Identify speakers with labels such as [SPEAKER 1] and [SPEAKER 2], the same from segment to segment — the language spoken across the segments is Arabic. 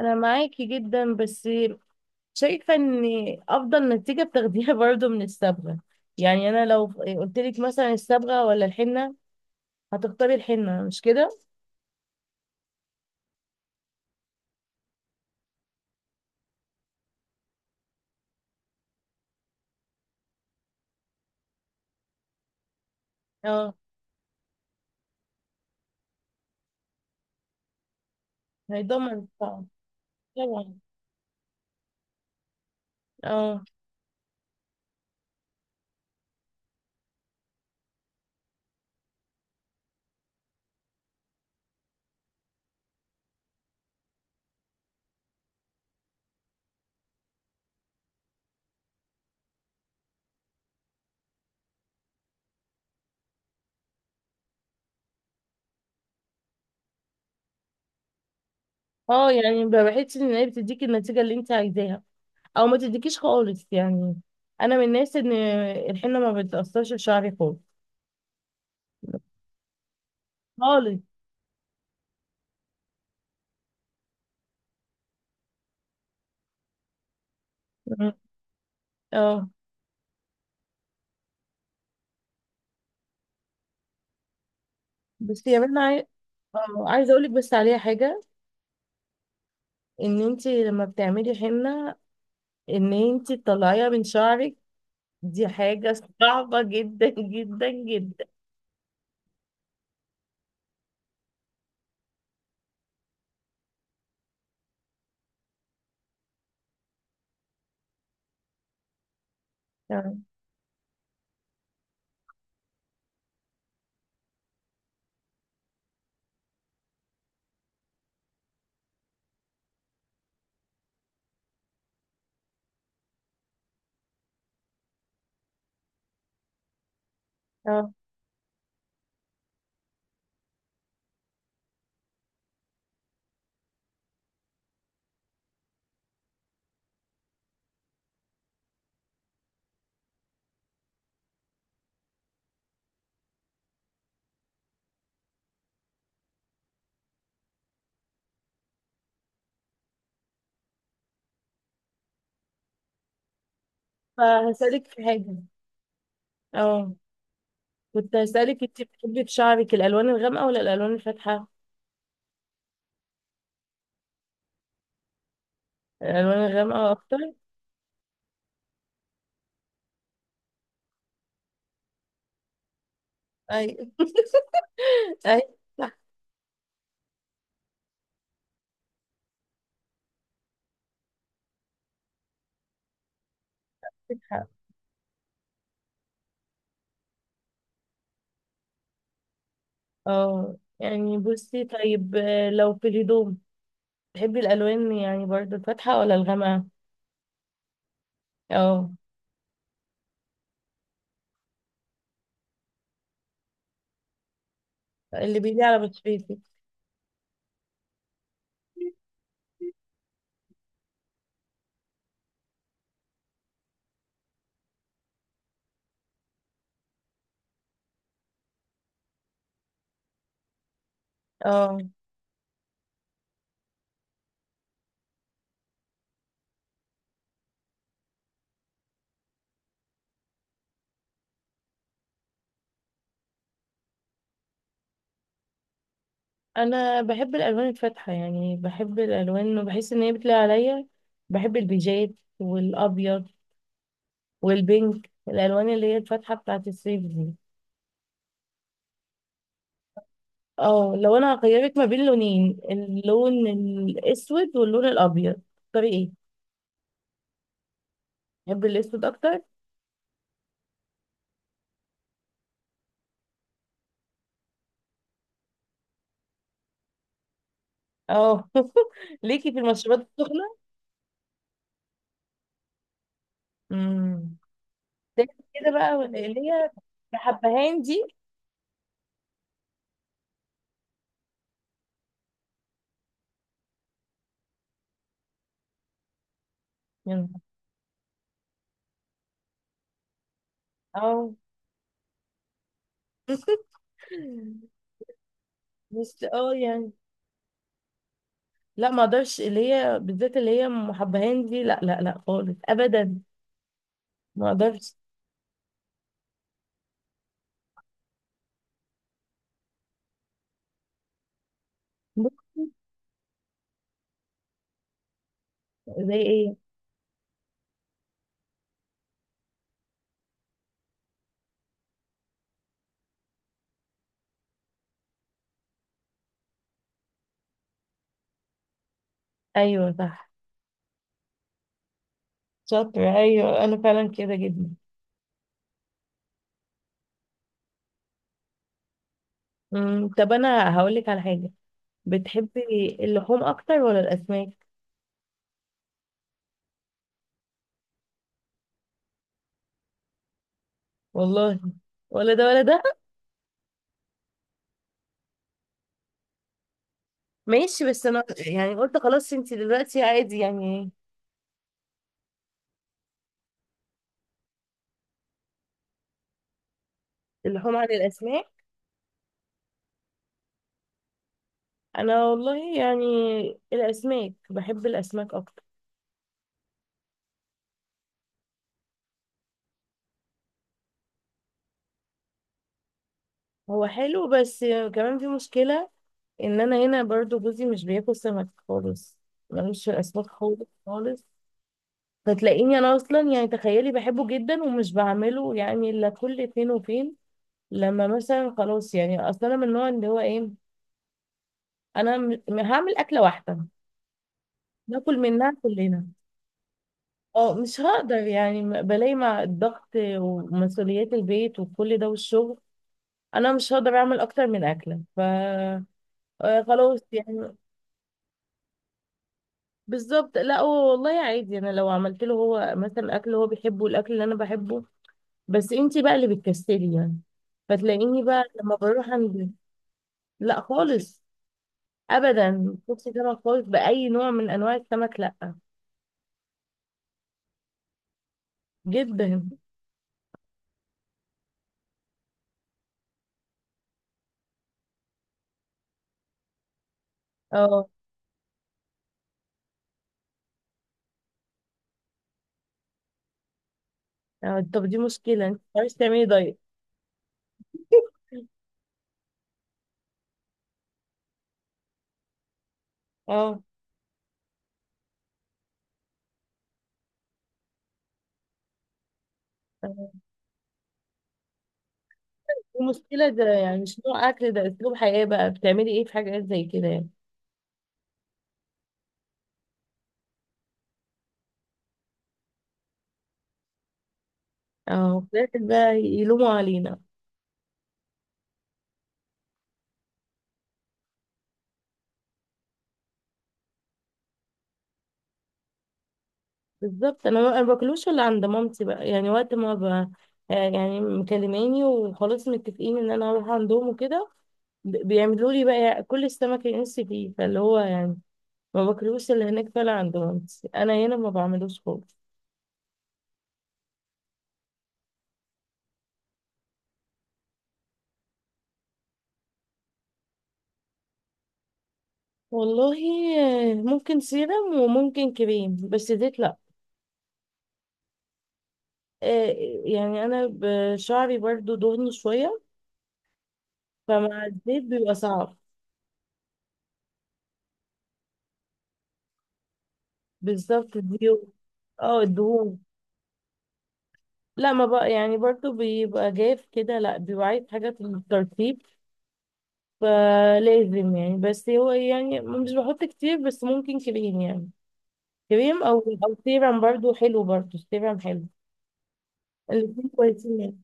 [SPEAKER 1] انا معاكي جدا، بس شايفه ان افضل نتيجه بتاخديها برضو من الصبغه. يعني انا لو قلت لك مثلا الصبغه ولا الحنه، هتختاري الحنه، مش كده؟ اه. هيضمن الطعم. طبعا. اه. اه يعني بحس ان هي بتديكي النتيجه اللي انت عايزاها او ما تديكيش خالص يعني. انا من الناس ان الحنه ما بتاثرش في شعري خالص خالص. مم. اه. بس يا بنت اه عايزه اقول لك بس عليها حاجه. ان انت لما بتعملي حنه ان انت تطلعيها من شعرك دي حاجة صعبة جدا جدا جدا. اه. اه فهسألك في حاجة. اه كنت هسألك، انت بتحبي في شعرك الألوان الغامقة ولا الألوان الفاتحة؟ الألوان الغامقة أكتر. أي أي، صح. اه يعني بصي طيب، لو في الهدوم تحبي الألوان يعني برضه الفاتحة ولا الغامقة؟ اه، اللي بيلي على بشرتك. اه انا بحب الالوان الفاتحه، يعني بحب الالوان وبحس ان هي بتلاقي عليا. بحب البيجات والابيض والبينك، الالوان اللي هي الفاتحه بتاعت الصيف دي. اه لو انا هخيرك ما بين لونين، اللون الاسود واللون الابيض، تختاري ايه؟ بحب الاسود اكتر. اه ليكي في المشروبات السخنه؟ امم كده بقى اللي هي بحبهان دي. يلا. اه بس يعني لا ما اقدرش، اللي هي بالذات اللي هي ام حبهان دي، لا لا لا، خالص ابدا، ما اقدرش. بصي، زي ايه؟ ايوه صح. شاطره، ايوه انا فعلا كده جدا. طب انا هقول لك على حاجه. بتحبي اللحوم اكتر ولا الاسماك؟ والله ولا ده ولا ده. ماشي، بس انا يعني قلت خلاص انت دلوقتي عادي يعني. اللحوم عن الاسماك. انا والله يعني الاسماك، بحب الاسماك اكتر. هو حلو، بس كمان في مشكله ان انا هنا برضو جوزي مش بياكل سمك خالص، ملوش في الاسماك خالص خالص. فتلاقيني انا اصلا يعني تخيلي بحبه جدا ومش بعمله، يعني الا كل فين وفين. لما مثلا خلاص يعني اصلا انا من النوع اللي هو ايه، انا هعمل اكله واحده ناكل منها كلنا. اه مش هقدر يعني بلاقي مع الضغط ومسؤوليات البيت وكل ده والشغل. انا مش هقدر اعمل اكتر من اكله، ف خلاص يعني. بالظبط، لا هو والله عادي، انا لو عملت له هو مثلا اكل هو بيحبه، الاكل اللي انا بحبه. بس انتي بقى اللي بتكسلي يعني. فتلاقيني بقى لما بروح عند لا خالص ابدا، بصي سمك خالص باي نوع من انواع السمك، لا. جدا. اه طب دي مشكله، انت مش تعملي دايت؟ اه آه، دي مشكله، ده يعني مش نوع اكل ده، اسلوب حياه بقى. بتعملي ايه في حاجات زي كده يعني؟ اه في الآخر بقى يلوموا علينا. بالظبط، انا ما أنا باكلوش الا عند مامتي بقى، يعني وقت ما يعني مكلماني وخلاص متفقين ان انا هروح عندهم وكده. بيعملوا لي بقى كل السمك اللي نفسي فيه، فاللي هو يعني ما باكلوش اللي هناك، فعلا عند مامتي. انا هنا ما بعملوش خالص. والله ممكن سيرم وممكن كريم، بس زيت لا. آه، يعني انا شعري برضو دهني شوية، فمع الزيت بيبقى صعب. بالظبط دي. اه الدهون. لا ما بقى يعني برضو بيبقى جاف كده، لا بيبقى عايز حاجة في الترتيب. فلازم يعني، بس هو يعني مش بحط كتير، بس ممكن كريم يعني. كريم او سيرم برضو حلو، برضو سيرم حلو. الاتنين كويسين يعني.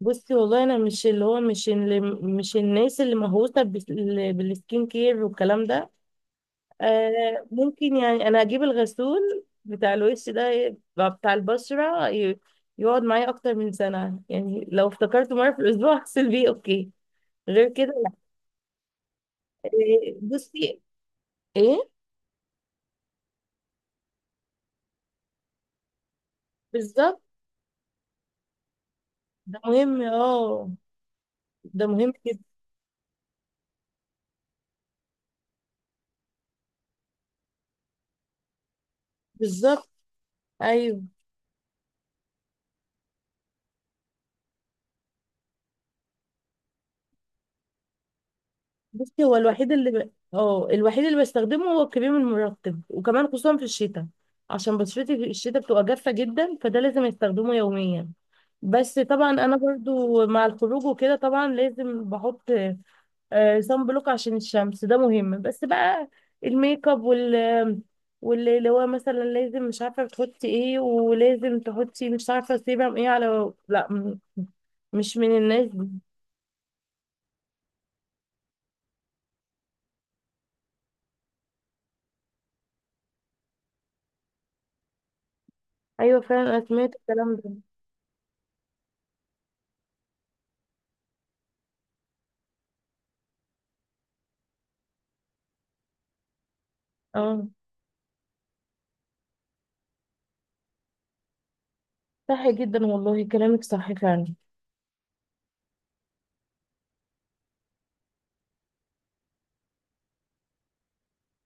[SPEAKER 1] بصي والله انا مش اللي هو مش اللي مش الناس اللي مهووسة بالسكين كير والكلام ده. آه ممكن يعني انا اجيب الغسول بتاع الوش ده يبقى بتاع البشرة يقعد معايا اكتر من سنة يعني، لو افتكرته مرة في الاسبوع اغسل بيه اوكي، غير كده لا. بصي ايه؟ بالظبط ده مهم. اه ده مهم جدا. بالظبط ايوه. بصي هو الوحيد اللي بستخدمه هو الكريم المرطب، وكمان خصوصا في الشتاء عشان بشرتي في الشتاء بتبقى جافة جدا فده لازم استخدمه يوميا. بس طبعا انا برضو مع الخروج وكده طبعا لازم بحط صن بلوك عشان الشمس، ده مهم. بس بقى الميك اب واللي هو مثلا لازم مش عارفه بتحطي ايه ولازم تحطي مش عارفه سيبهم ايه على لا، مش من الناس دي. ايوه فعلا انا سمعت الكلام ده. اه صح جدا والله كلامك صح فعلا.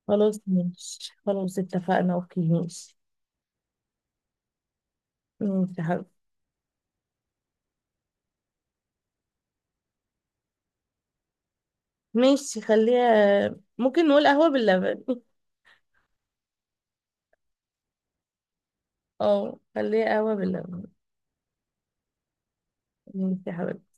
[SPEAKER 1] خلاص ماشي، خلاص اتفقنا، اوكي ماشي. ماشي يا حبيبي. ماشي خليها، ممكن نقول قهوه باللبن. اه خليها قهوة باللبن. ماشي يا حبيبتي.